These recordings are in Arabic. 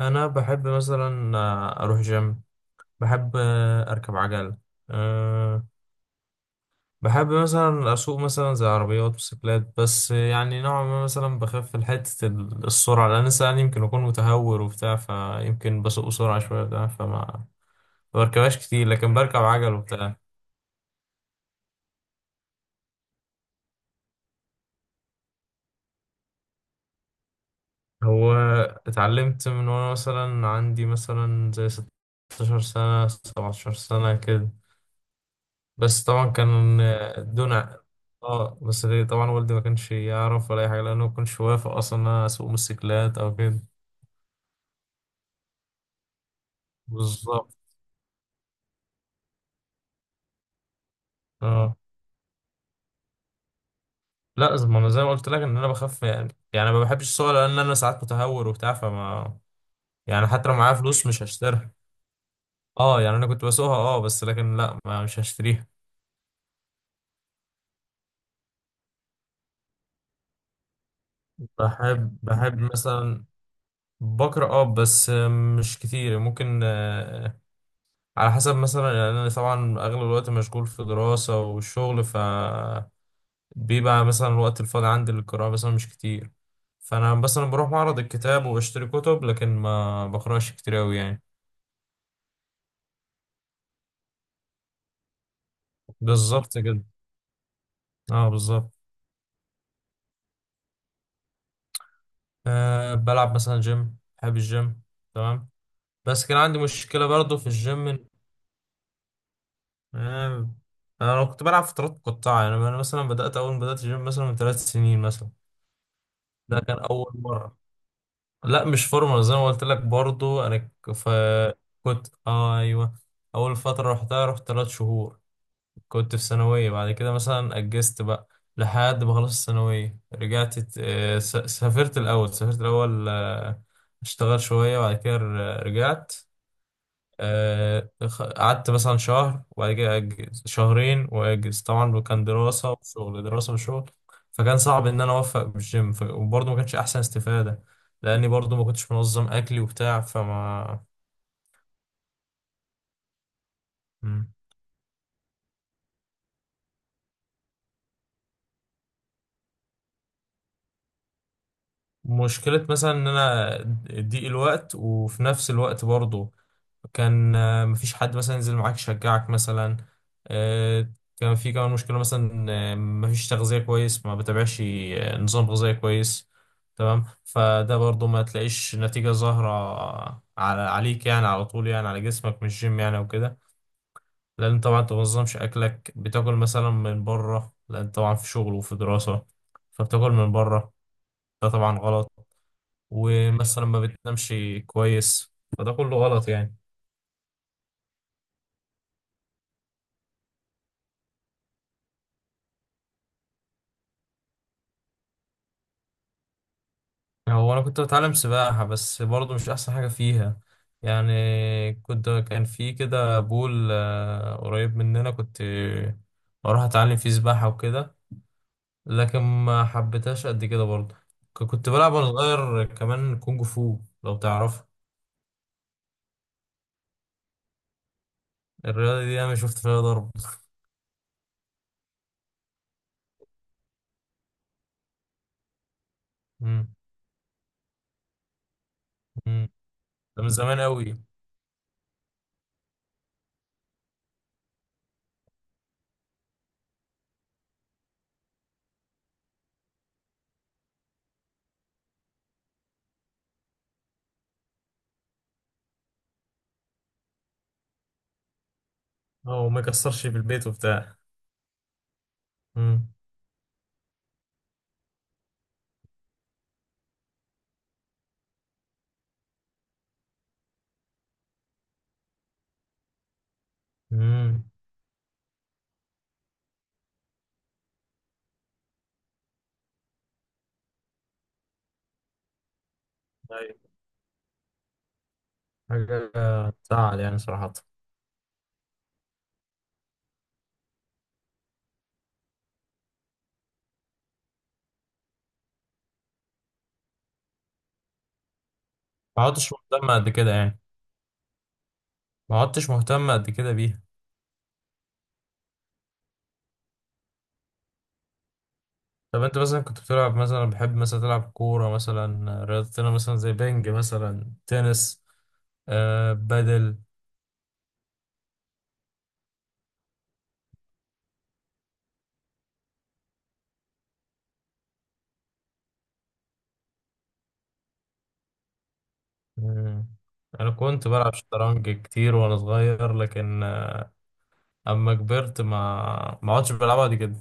انا بحب مثلا اروح جيم. بحب اركب عجل. أه بحب مثلا اسوق مثلا زي عربيات وسيكلات، بس يعني نوعا ما مثلا بخاف في حته السرعه، لان انسان يمكن اكون متهور وبتاع، فيمكن بسوق بسرعه شويه بتاع فما بركبهاش كتير، لكن بركب عجل وبتاع. هو اتعلمت من وانا مثلا عندي مثلا زي 16 سنه 17 سنه كده، بس طبعا كان دون ع- اه بس ليه؟ طبعا والدي ما كانش يعرف ولا اي حاجه، لانه ما كانش وافق اصلا ان انا اسوق موتوسيكلات او كده. بالظبط. اه، لا ما انا زي ما قلت لك ان انا بخاف يعني، ما بحبش السواقه لان انا ساعات متهور وبتاع فما. يعني حتى لو معايا فلوس مش هشتريها. اه يعني انا كنت بسوقها. اه بس لكن لا، ما مش هشتريها. بحب مثلا بقرا اه، بس مش كتير. ممكن على حسب مثلا، يعني انا طبعا اغلب الوقت مشغول في دراسة والشغل، ف بيبقى مثلا الوقت الفاضي عندي للقراءة مثلا مش كتير. فانا مثلا بروح معرض الكتاب وبشتري كتب، لكن ما بقراش كتير اوي يعني. بالظبط كده. اه بالظبط. بلعب مثلا جيم، بحب الجيم. تمام. بس كان عندي مشكلة برضو في الجيم آه، انا كنت بلعب فترات مقطعة، يعني انا مثلا بدأت اول ما بدأت الجيم مثلا من 3 سنين مثلا. ده كان اول مرة. لا مش فورمال زي ما قلت لك برضو انا ك- ف كنت ايوه. اول فتره رحتها، رحت 3 شهور. كنت في ثانويه، بعد كده مثلا اجزت بقى لحد ما خلصت الثانويه، رجعت سافرت الاول، سافرت الاول، اشتغل شويه، بعد كده رجعت. قعدت مثلا شهر، وبعد كده أجز شهرين وأجز، طبعا كان دراسة وشغل، دراسة وشغل. فكان صعب إن أنا أوفق بالجيم، وبرضه ما كانش أحسن استفادة، لأني برضه ما كنتش منظم أكلي وبتاع فما. مشكلة مثلا ان انا ضيق الوقت، وفي نفس الوقت برضه كان مفيش حد مثلا ينزل معاك يشجعك مثلا. آه، كان في كمان مشكلة مثلا، مفيش تغذية كويس، ما بتابعش نظام غذائي كويس. تمام، فده برضو ما تلاقيش نتيجة ظاهرة على، عليك يعني، على طول يعني على جسمك، مش جيم يعني وكده. لأن طبعا أنت منظمش أكلك، بتاكل مثلا من بره، لأن طبعا في شغل وفي دراسة، فبتاكل من بره. ده طبعا غلط. ومثلا ما بتنامش كويس. فده كله غلط يعني. هو انا كنت بتعلم سباحة، بس برضه مش احسن حاجة فيها. يعني كنت، كان في كده بول قريب مننا، كنت بروح اتعلم فيه سباحة وكده، لكن ما حبيتهاش قد كده برضه. كنت بلعب وانا صغير كمان كونج فو لو تعرف. الرياضة دي انا شفت فيها ضرب. مم. مم. ده من زمان قوي. اه، وما يكسرش في البيت وبتاع. مم. مم. أيوه. حاجة تزعل يعني صراحة. ما عدتش مهتم قد كده يعني. ما عدتش مهتم قد كده بيها. طب انت مثلا كنت بتلعب مثلا، بحب مثلا تلعب كورة مثلا، رياضتنا مثلا زي بينج مثلا تنس، آه بدل. مم. انا كنت بلعب شطرنج كتير وانا صغير، لكن اما كبرت ما عدتش بلعبها دي كده.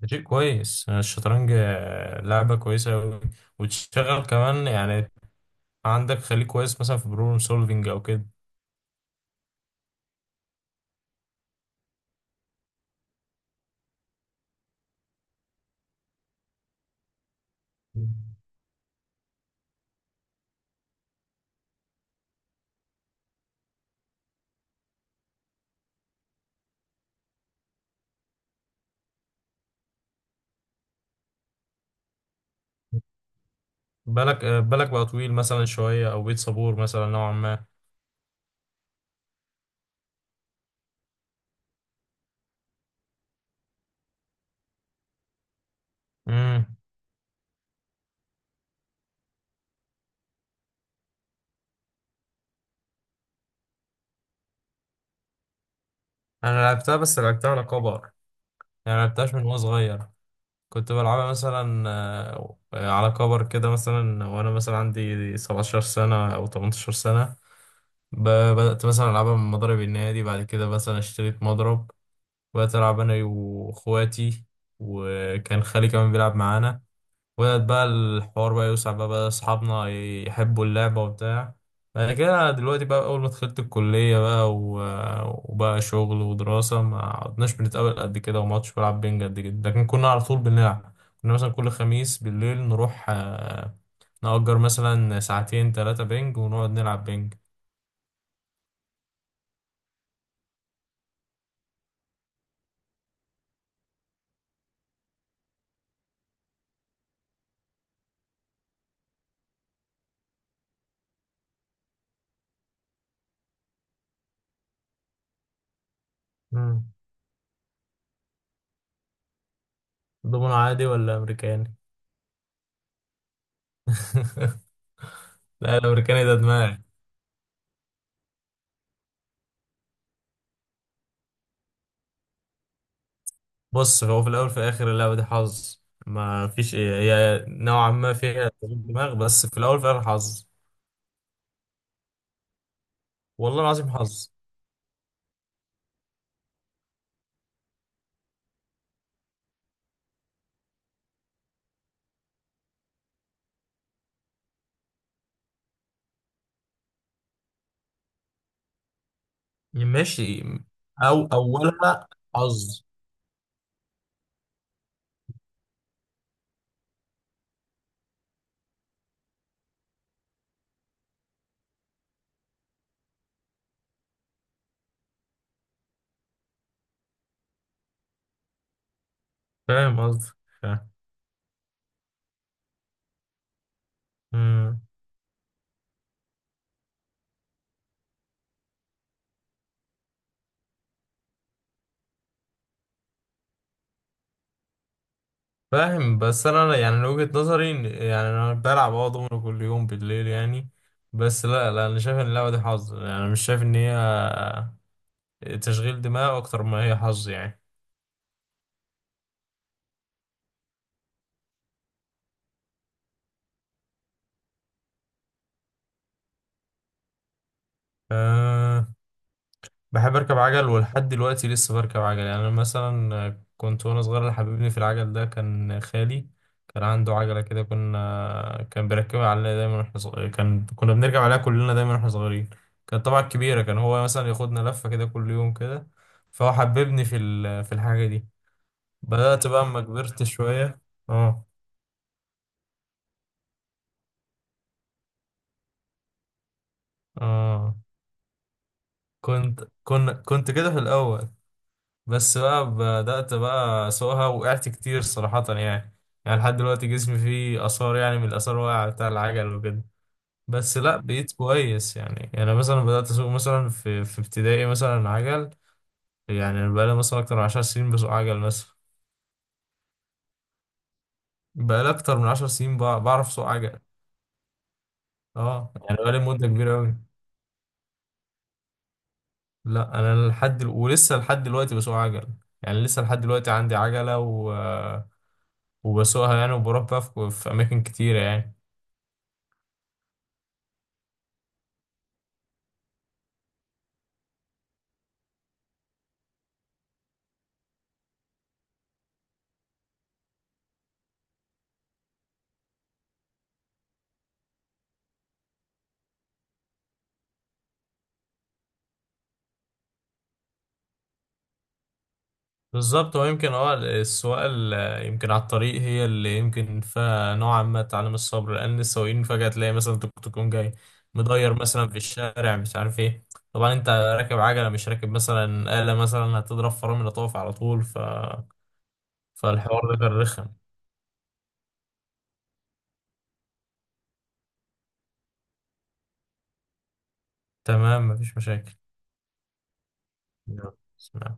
ده شيء كويس الشطرنج، لعبة كويسة أوي، وتشتغل كمان يعني، عندك خليك كويس مثلا في بروبلم سولفينج او كده. بالك بقى طويل مثلا شوية، أو بيت صبور مثلا نوعا ما. امم أنا لعبتها، بس لعبتها على كبر، يعني ما لعبتهاش من وأنا صغير. كنت بلعبها مثلا على كبر كده مثلا، وأنا مثلا عندي 17 سنة أو 18 سنة. ب- بدأت مثلا ألعبها من مضرب النادي، بعد كده مثلا اشتريت مضرب، وبدأت ألعب أنا وإخواتي، وكان خالي كمان بيلعب معانا. وبدأت بقى الحوار بقى يوسع، بقى بقى أصحابنا يحبوا اللعبة وبتاع. بعد كده دلوقتي بقى، أول ما دخلت الكلية بقى وبقى شغل ودراسة، ما عدناش بنتقابل قد كده، وما عدتش بلعب بينج قد كده، لكن كنا على طول بنلعب. كنا مثلا كل خميس بالليل نروح نأجر مثلا ساعتين ثلاثة بينج، ونقعد نلعب بينج. مم. دومينو عادي ولا أمريكاني؟ لا الأمريكاني ده دماغي. بص هو في الاول في الاخر اللعبه دي حظ. ما فيش إيه. هي نوعا ما فيها تشغيل دماغ، بس في الاول في الاخر حظ. والله العظيم حظ. ماشي. او اولها حظ. فاهم قصدي. فاهم. مم. فاهم، بس انا يعني من وجهه نظري يعني انا بلعب اه دومينو كل يوم بالليل يعني. بس لا، لا، انا شايف ان اللعبه دي حظ، يعني انا مش شايف ان هي تشغيل دماغ اكتر ما هي حظ يعني. آه، بحب اركب عجل، ولحد دلوقتي لسه بركب عجل، يعني انا مثلا كنت وانا صغير اللي حببني في العجل ده كان خالي. كان عنده عجله كده، كنا كان بيركبها علينا دايما واحنا صغيرين، كان كنا بنركب عليها كلنا دايما واحنا صغيرين. كانت طبعا كبيره، كان هو مثلا ياخدنا لفه كده كل يوم كده. فهو حببني في في الحاجه دي. بدات بقى اما كبرت شويه. اه. اه. كنت كده في الاول، بس بقى بدأت بقى أسوقها، وقعت كتير صراحة يعني. يعني لحد دلوقتي جسمي فيه آثار، يعني من الآثار واقعة بتاع العجل وكده. بس لأ بقيت كويس يعني، يعني مثلا بدأت أسوق مثلا في ابتدائي مثلا عجل. يعني أنا بقالي مثلا أكتر من 10 سنين بسوق عجل مثلا. بقالي أكتر من 10 سنين بعرف أسوق عجل. أه، يعني بقالي مدة كبيرة أوي. لأ أنا ولسه لحد دلوقتي بسوق عجل. يعني لسه لحد دلوقتي عندي عجلة و... وبسوقها يعني، وبروح بقى في أماكن كتيرة يعني. بالظبط، هو يمكن اه السواقة يمكن على الطريق هي اللي يمكن فيها نوعا ما تعليم الصبر، لأن السواقين فجأة تلاقي مثلا توك توك يقوم جاي. مدير مثلا في الشارع مش عارف ايه، طبعا انت راكب عجلة، مش راكب مثلا آلة مثلا هتضرب فرامل طوف على طول فالحوار ده كان رخم. تمام، مفيش مشاكل. يلا.